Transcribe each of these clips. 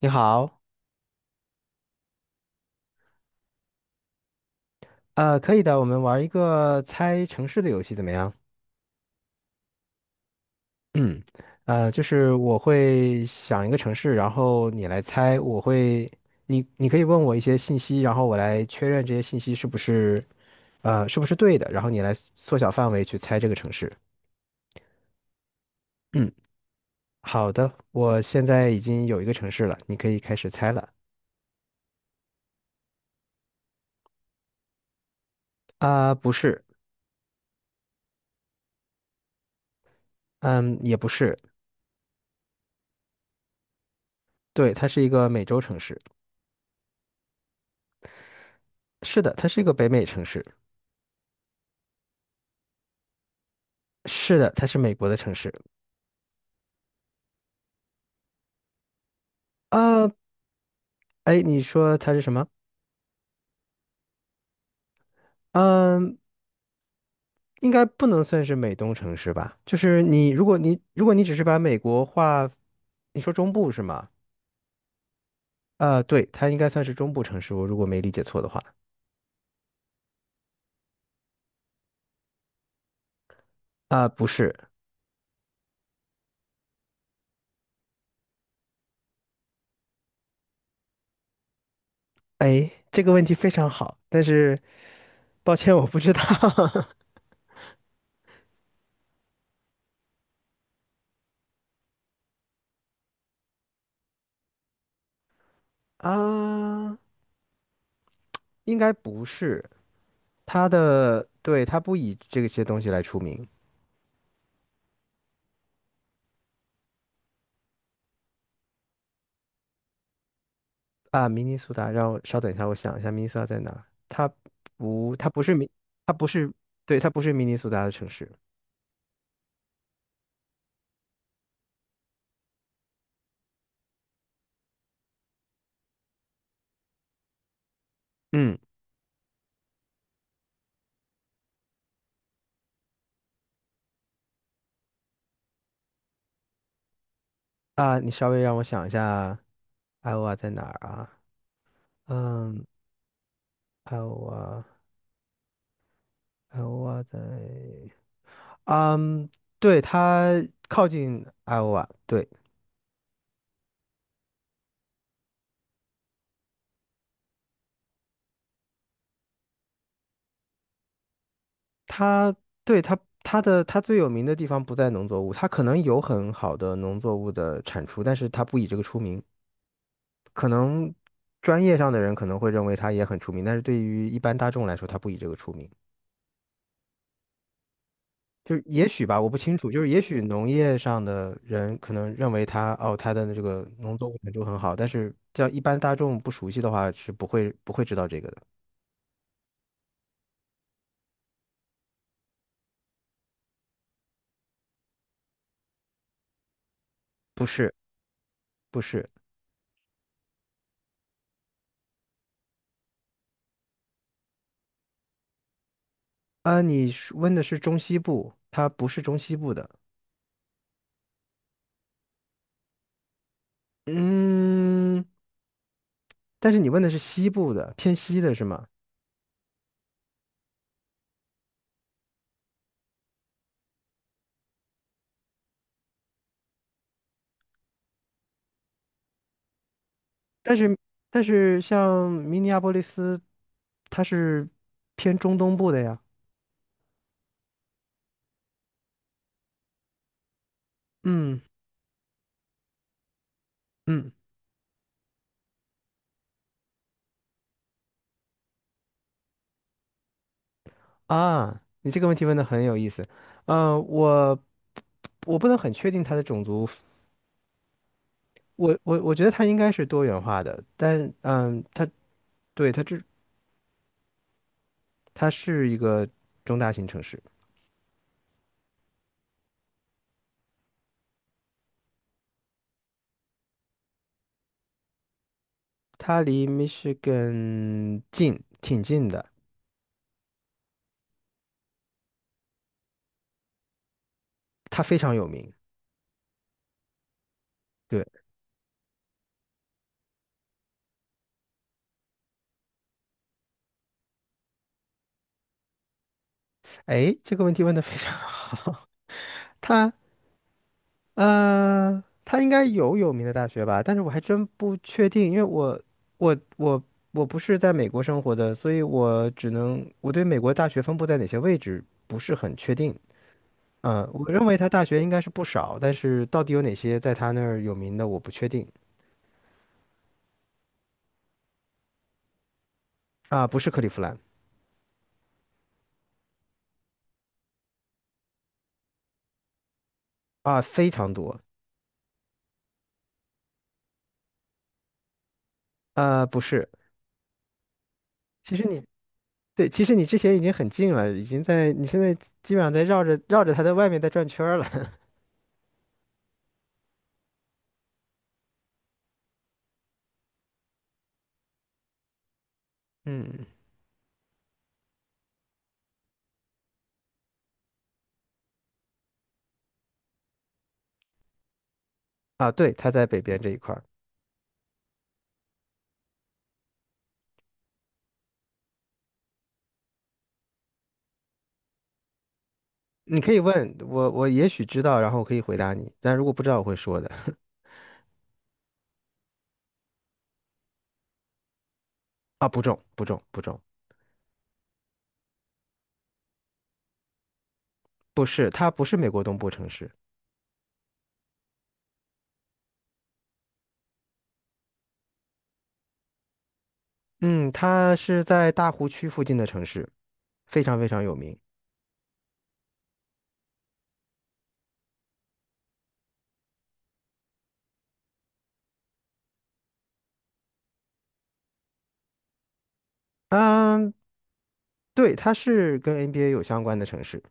你好。可以的，我们玩一个猜城市的游戏怎么样？嗯 就是我会想一个城市，然后你来猜，我会，你可以问我一些信息，然后我来确认这些信息是不是，是不是对的，然后你来缩小范围去猜这个城市。嗯，好的，我现在已经有一个城市了，你可以开始猜了。啊、不是。嗯，也不是。对，它是一个美洲城市。是的，它是一个北美城市。是的，它是美国的城市。啊，哎，你说它是什么？嗯，应该不能算是美东城市吧？就是你，如果你只是把美国划，你说中部是吗？啊，对，它应该算是中部城市，我如果没理解错的话。啊，不是。哎，这个问题非常好，但是抱歉，我不知道。啊，应该不是，它的，对，它不以这些东西来出名。啊，明尼苏达，让我稍等一下，我想一下，明尼苏达在哪？它不，它不是明，它不是，对，它不是明尼苏达的城市。嗯，啊，你稍微让我想一下，艾欧瓦在哪儿啊？嗯，艾欧瓦，艾欧瓦在，嗯，对，它靠近艾欧瓦，对，它，对，它，它的，它最有名的地方不在农作物，它可能有很好的农作物的产出，但是它不以这个出名。可能专业上的人可能会认为他也很出名，但是对于一般大众来说，他不以这个出名。就是也许吧，我不清楚。就是也许农业上的人可能认为他哦，他的这个农作物产出很好，但是叫一般大众不熟悉的话，是不会知道这个的。不是，不是啊，你是问的是中西部，它不是中西部的。嗯，但是你问的是西部的，偏西的是吗？但是但是像明尼阿波利斯，它是偏中东部的呀。嗯。嗯。啊，你这个问题问的很有意思。嗯、我不能很确定它的种族，我觉得它应该是多元化的，但嗯，它对，它这，它是一个中大型城市。它离 Michigan 近，挺近的。它非常有名。对。哎，这个问题问的非常好。它，呃，他应该有有名的大学吧，但是我还真不确定，因为我我不是在美国生活的，所以我只能，我对美国大学分布在哪些位置不是很确定。呃，我认为他大学应该是不少，但是到底有哪些在他那儿有名的，我不确定。啊、不是克利夫兰。啊、非常多。啊、不是。其实你，对，其实你之前已经很近了，已经在你现在基本上在绕着他的外面在转圈儿了。嗯。啊，对，他在北边这一块儿。你可以问我，我也许知道，然后我可以回答你，但如果不知道，我会说的。啊，不重，不重，不重。不是，它不是美国东部城市。嗯，它是在大湖区附近的城市，非常非常有名。嗯，对，它是跟 NBA 有相关的城市，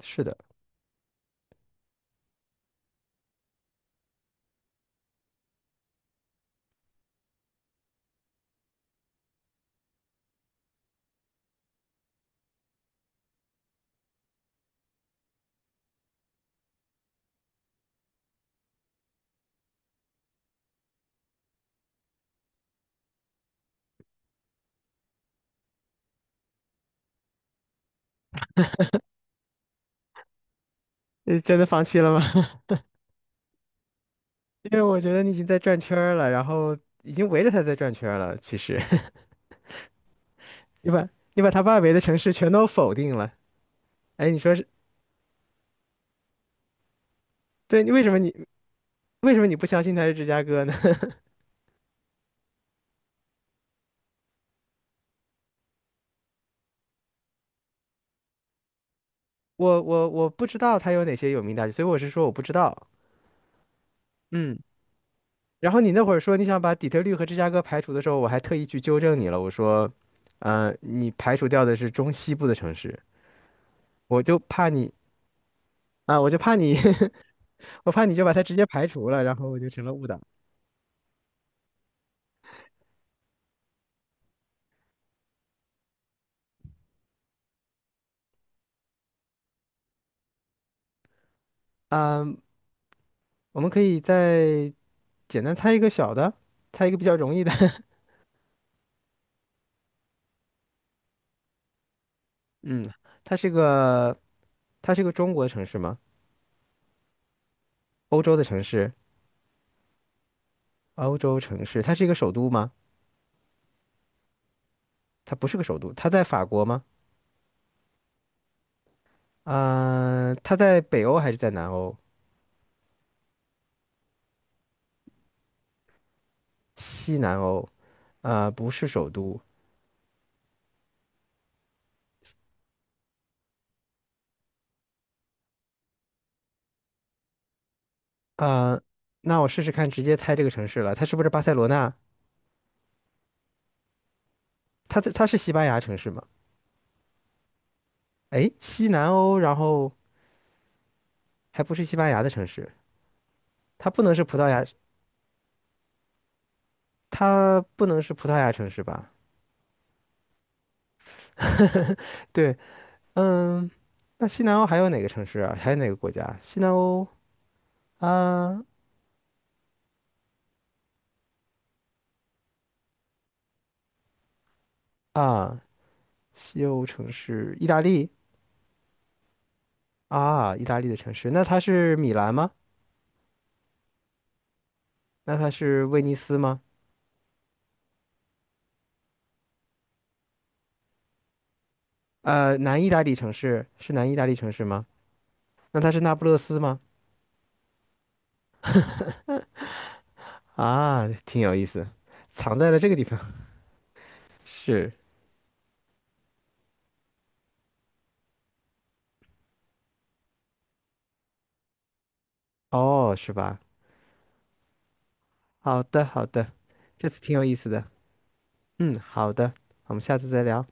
是的。你真的放弃了吗？因为我觉得你已经在转圈儿了，然后已经围着它在转圈儿了。其实 你把你把它外围的城市全都否定了。哎，你说是，对，你为什么你为什么你不相信它是芝加哥呢？我不知道它有哪些有名大学，所以我是说我不知道。嗯，然后你那会儿说你想把底特律和芝加哥排除的时候，我还特意去纠正你了。我说，呃，你排除掉的是中西部的城市。我就怕你，啊，我就怕你，我怕你就把它直接排除了，然后我就成了误导。嗯，我们可以再简单猜一个小的，猜一个比较容易的。嗯，它是个它是个中国城市吗？欧洲的城市，欧洲城市，它是一个首都吗？它不是个首都，它在法国吗？嗯、它在北欧还是在南欧？西南欧，呃，不是首都。呃，那我试试看，直接猜这个城市了，它是不是巴塞罗那？它是西班牙城市吗？哎，西南欧，然后还不是西班牙的城市，它不能是葡萄牙，它不能是葡萄牙城市吧？对。嗯，那西南欧还有哪个城市啊？还有哪个国家？西南欧。啊。啊，西欧城市，意大利。啊，意大利的城市，那它是米兰吗？那它是威尼斯吗？呃，南意大利城市吗？那它是那不勒斯吗？啊，挺有意思，藏在了这个地方。是。哦，是吧？好的，好的。这次挺有意思的。嗯，好的，我们下次再聊。